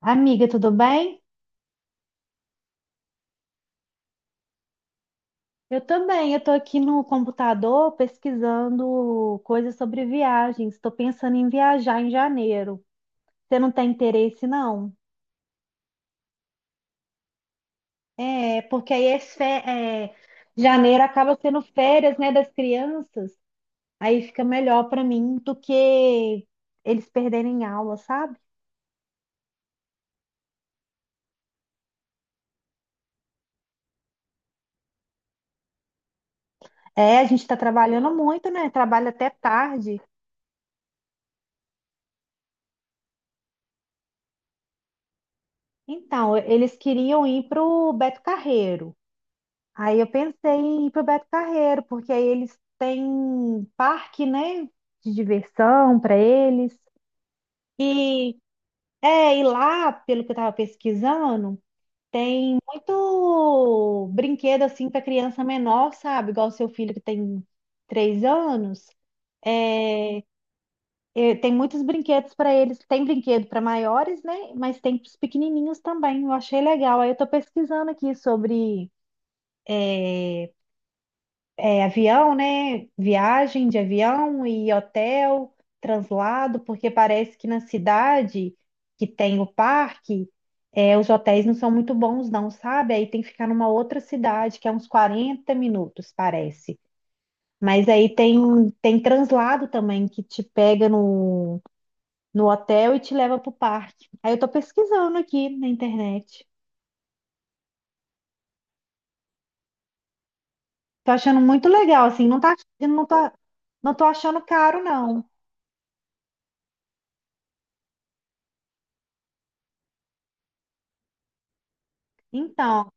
Amiga, tudo bem? Eu também. Eu tô aqui no computador pesquisando coisas sobre viagens. Estou pensando em viajar em janeiro. Você não tem interesse, não? É, porque aí janeiro acaba sendo férias, né, das crianças. Aí fica melhor para mim do que eles perderem aula, sabe? É, a gente está trabalhando muito, né? Trabalha até tarde. Então, eles queriam ir para o Beto Carreiro. Aí eu pensei em ir pro Beto Carreiro, porque aí eles têm parque, né, de diversão para eles. E e lá, pelo que eu tava pesquisando, tem muito brinquedo assim para criança menor, sabe? Igual o seu filho que tem 3 anos. É, tem muitos brinquedos para eles. Tem brinquedo para maiores, né? Mas tem para os pequenininhos também. Eu achei legal. Aí eu tô pesquisando aqui sobre é avião, né? Viagem de avião e hotel, translado, porque parece que na cidade que tem o parque, os hotéis não são muito bons, não, sabe? Aí tem que ficar numa outra cidade, que é uns 40 minutos, parece. Mas aí tem translado também, que te pega no hotel e te leva pro parque. Aí eu tô pesquisando aqui na internet. Tô achando muito legal, assim, não tá, não tô achando caro, não. Então,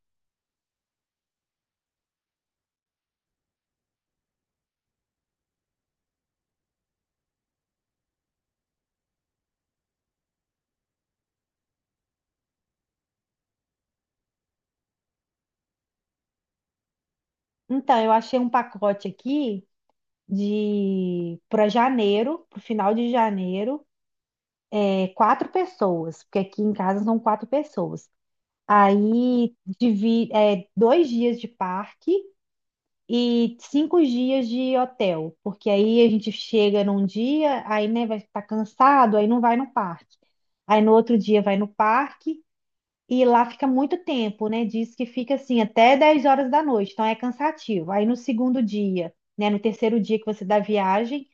então, eu achei um pacote aqui de para janeiro, para o final de janeiro, é quatro pessoas, porque aqui em casa são quatro pessoas. Aí 2 dias de parque e 5 dias de hotel, porque aí a gente chega num dia, aí né, vai estar cansado, aí não vai no parque. Aí no outro dia vai no parque e lá fica muito tempo, né? Diz que fica assim até 10 horas da noite, então é cansativo. Aí no segundo dia, né? No terceiro dia que você dá viagem,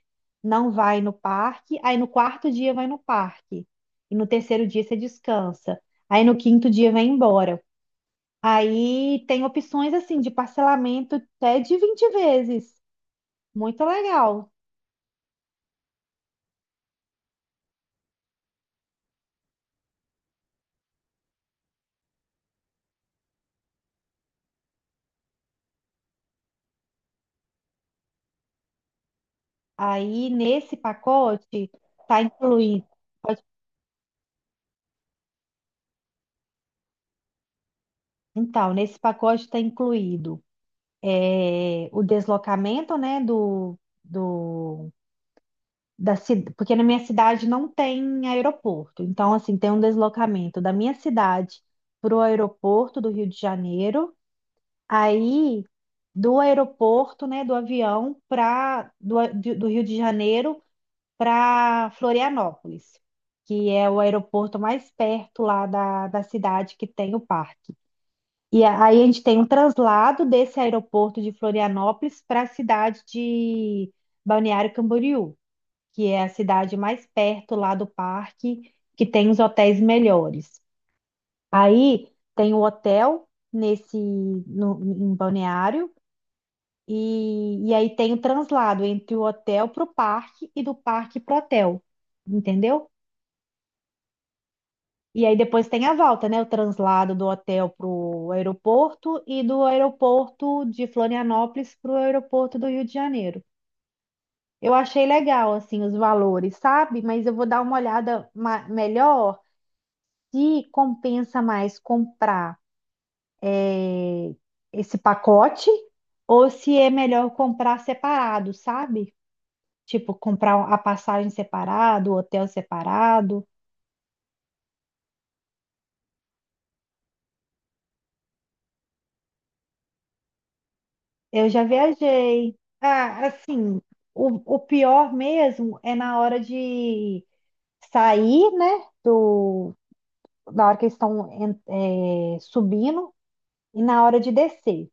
não vai no parque. Aí no quarto dia vai no parque. E no terceiro dia você descansa. Aí no quinto dia vai embora. Aí tem opções assim de parcelamento até de 20 vezes. Muito legal. Aí nesse pacote tá incluído. Então, nesse pacote está incluído o deslocamento, né, do, da cidade, porque na minha cidade não tem aeroporto. Então, assim, tem um deslocamento da minha cidade para o aeroporto do Rio de Janeiro, aí do aeroporto, né, do avião para do, a- de- do Rio de Janeiro para Florianópolis, que é o aeroporto mais perto lá da cidade que tem o parque. Aí a gente tem um translado desse aeroporto de Florianópolis para a cidade de Balneário Camboriú, que é a cidade mais perto lá do parque, que tem os hotéis melhores. Aí tem o hotel nesse no- em Balneário e aí tem o translado entre o hotel para o parque e do parque para o hotel, entendeu? E aí depois tem a volta, né? O translado do hotel pro aeroporto e do aeroporto de Florianópolis pro aeroporto do Rio de Janeiro. Eu achei legal, assim, os valores, sabe? Mas eu vou dar uma olhada melhor se compensa mais comprar eh, esse pacote ou se é melhor comprar separado, sabe? Tipo, comprar a passagem separado, o hotel separado. Eu já viajei. Ah, assim, o pior mesmo é na hora de sair, né? Do, Na hora que eles estão subindo e na hora de descer.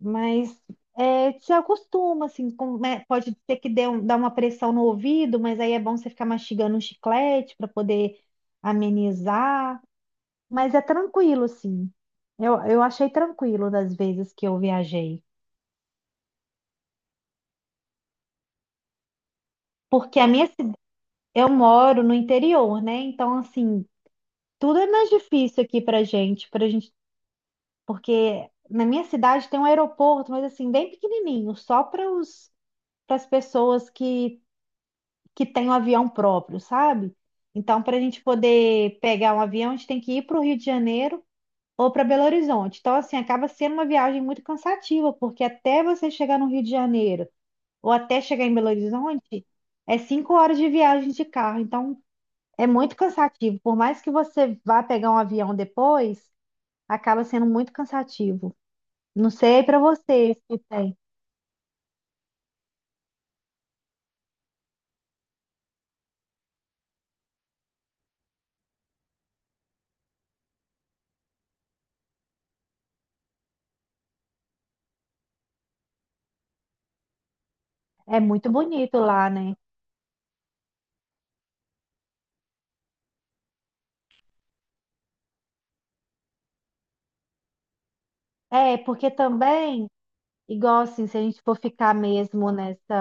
Mas é, se acostuma, assim, né, pode ser que dá uma pressão no ouvido, mas aí é bom você ficar mastigando um chiclete para poder amenizar. Mas é tranquilo, assim. Eu achei tranquilo das vezes que eu viajei. Porque a minha... Eu moro no interior, né? Então, assim, tudo é mais difícil aqui pra gente, porque na minha cidade tem um aeroporto, mas assim, bem pequenininho, só para os para as pessoas que têm um avião próprio, sabe? Então, para a gente poder pegar um avião, a gente tem que ir para o Rio de Janeiro ou para Belo Horizonte. Então, assim, acaba sendo uma viagem muito cansativa, porque até você chegar no Rio de Janeiro ou até chegar em Belo Horizonte, é 5 horas de viagem de carro. Então, é muito cansativo. Por mais que você vá pegar um avião depois, acaba sendo muito cansativo. Não sei para vocês que tem. É muito bonito lá, né? É, porque também, igual assim, se a gente for ficar mesmo nessa,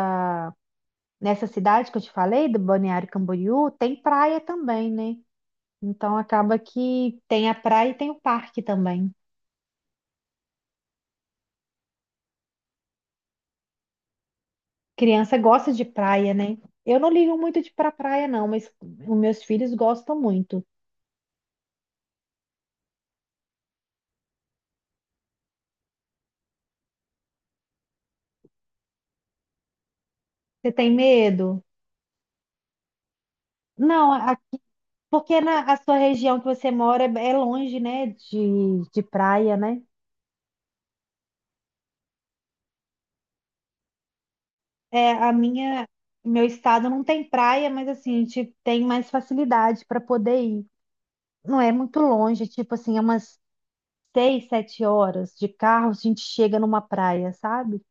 nessa cidade que eu te falei, do Balneário Camboriú, tem praia também, né? Então acaba que tem a praia e tem o parque também. Criança gosta de praia, né? Eu não ligo muito de ir pra praia, não, mas os meus filhos gostam muito. Você tem medo? Não, porque na a sua região que você mora é longe, né, de praia, né? É, a minha, meu estado não tem praia, mas assim, a gente tem mais facilidade para poder ir. Não é muito longe, tipo assim, é umas 6, 7 horas de carro, a gente chega numa praia, sabe?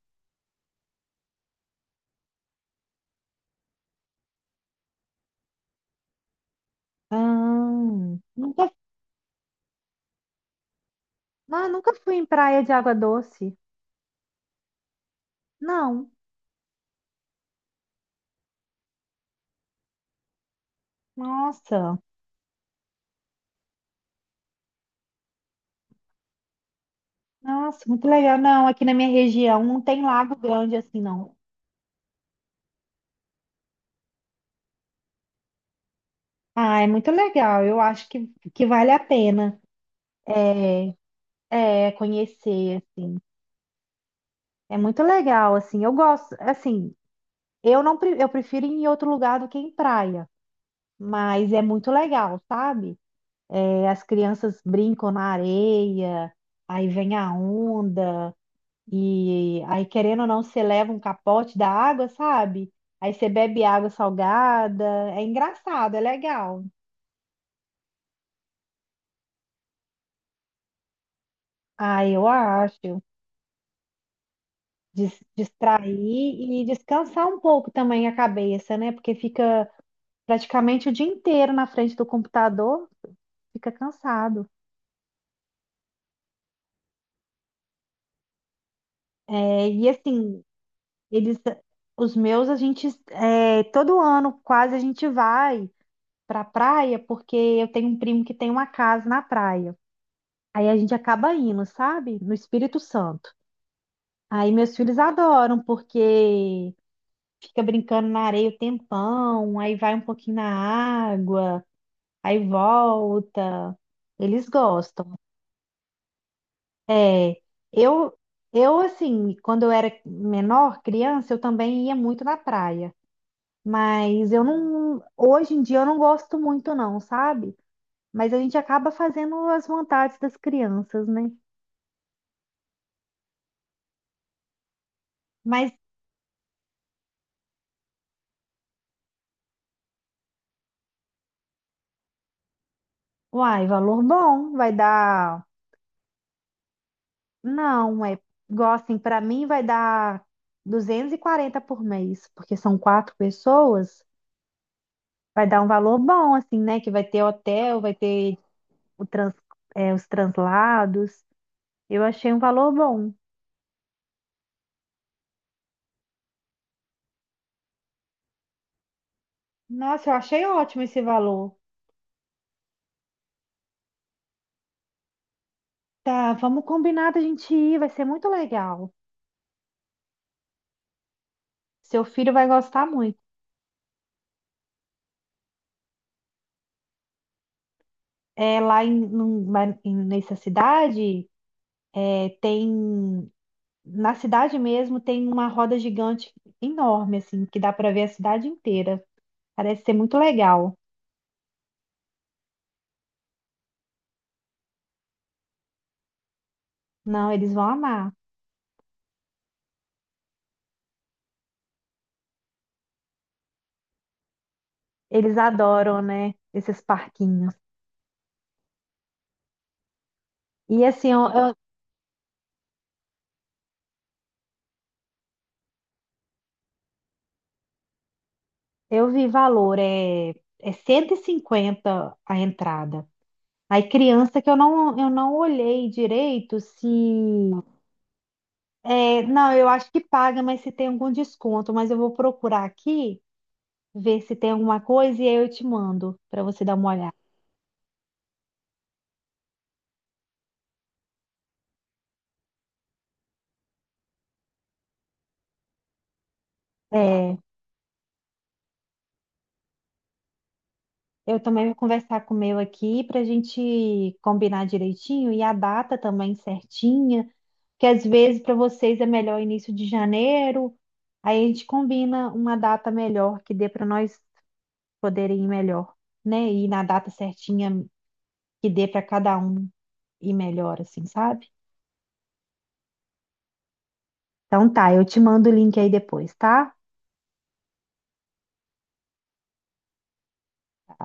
Ah, nunca, ah, nunca fui em praia de água doce. Não, nossa, nossa, muito legal. Não, aqui na minha região não tem lago grande assim, não. Ah, é muito legal. Eu acho que vale a pena é, conhecer, assim. É muito legal, assim. Eu gosto, assim, eu não, pre- eu prefiro ir em outro lugar do que em praia, mas é muito legal, sabe? É, as crianças brincam na areia, aí vem a onda, e aí, querendo ou não, você leva um capote da água, sabe? Aí você bebe água salgada. É engraçado, é legal. Ah, eu acho. Distrair e descansar um pouco também a cabeça, né? Porque fica praticamente o dia inteiro na frente do computador, fica cansado. É, e assim, eles, os meus, a gente, é, todo ano quase a gente vai pra praia, porque eu tenho um primo que tem uma casa na praia. Aí a gente acaba indo, sabe? No Espírito Santo. Aí meus filhos adoram, porque fica brincando na areia o tempão, aí vai um pouquinho na água, aí volta. Eles gostam. É, eu, eu assim, quando eu era menor, criança, eu também ia muito na praia. Mas eu não, hoje em dia eu não gosto muito não, sabe? Mas a gente acaba fazendo as vontades das crianças, né? Mas, uai, valor bom, vai dar, não, é, igual assim, para mim vai dar 240 por mês, porque são quatro pessoas, vai dar um valor bom assim, né? Que vai ter hotel, vai ter o trans, os translados. Eu achei um valor bom. Nossa, eu achei ótimo esse valor. Tá, vamos combinar da gente ir, vai ser muito legal. Seu filho vai gostar muito. É, lá em, num- lá em- Nessa cidade, é, tem. Na cidade mesmo tem uma roda gigante enorme, assim, que dá para ver a cidade inteira. Parece ser muito legal. Não, eles vão amar. Eles adoram, né? Esses parquinhos. E assim, eu, eu Eu vi valor, é 150 a entrada. Aí criança que eu não olhei direito se... É, não, eu acho que paga, mas se tem algum desconto. Mas eu vou procurar aqui, ver se tem alguma coisa e aí eu te mando para você dar uma olhada. É, eu também vou conversar com o meu aqui para a gente combinar direitinho e a data também certinha, que às vezes para vocês é melhor início de janeiro, aí a gente combina uma data melhor que dê para nós poderem ir melhor, né? E na data certinha que dê para cada um ir melhor, assim, sabe? Então tá, eu te mando o link aí depois, tá?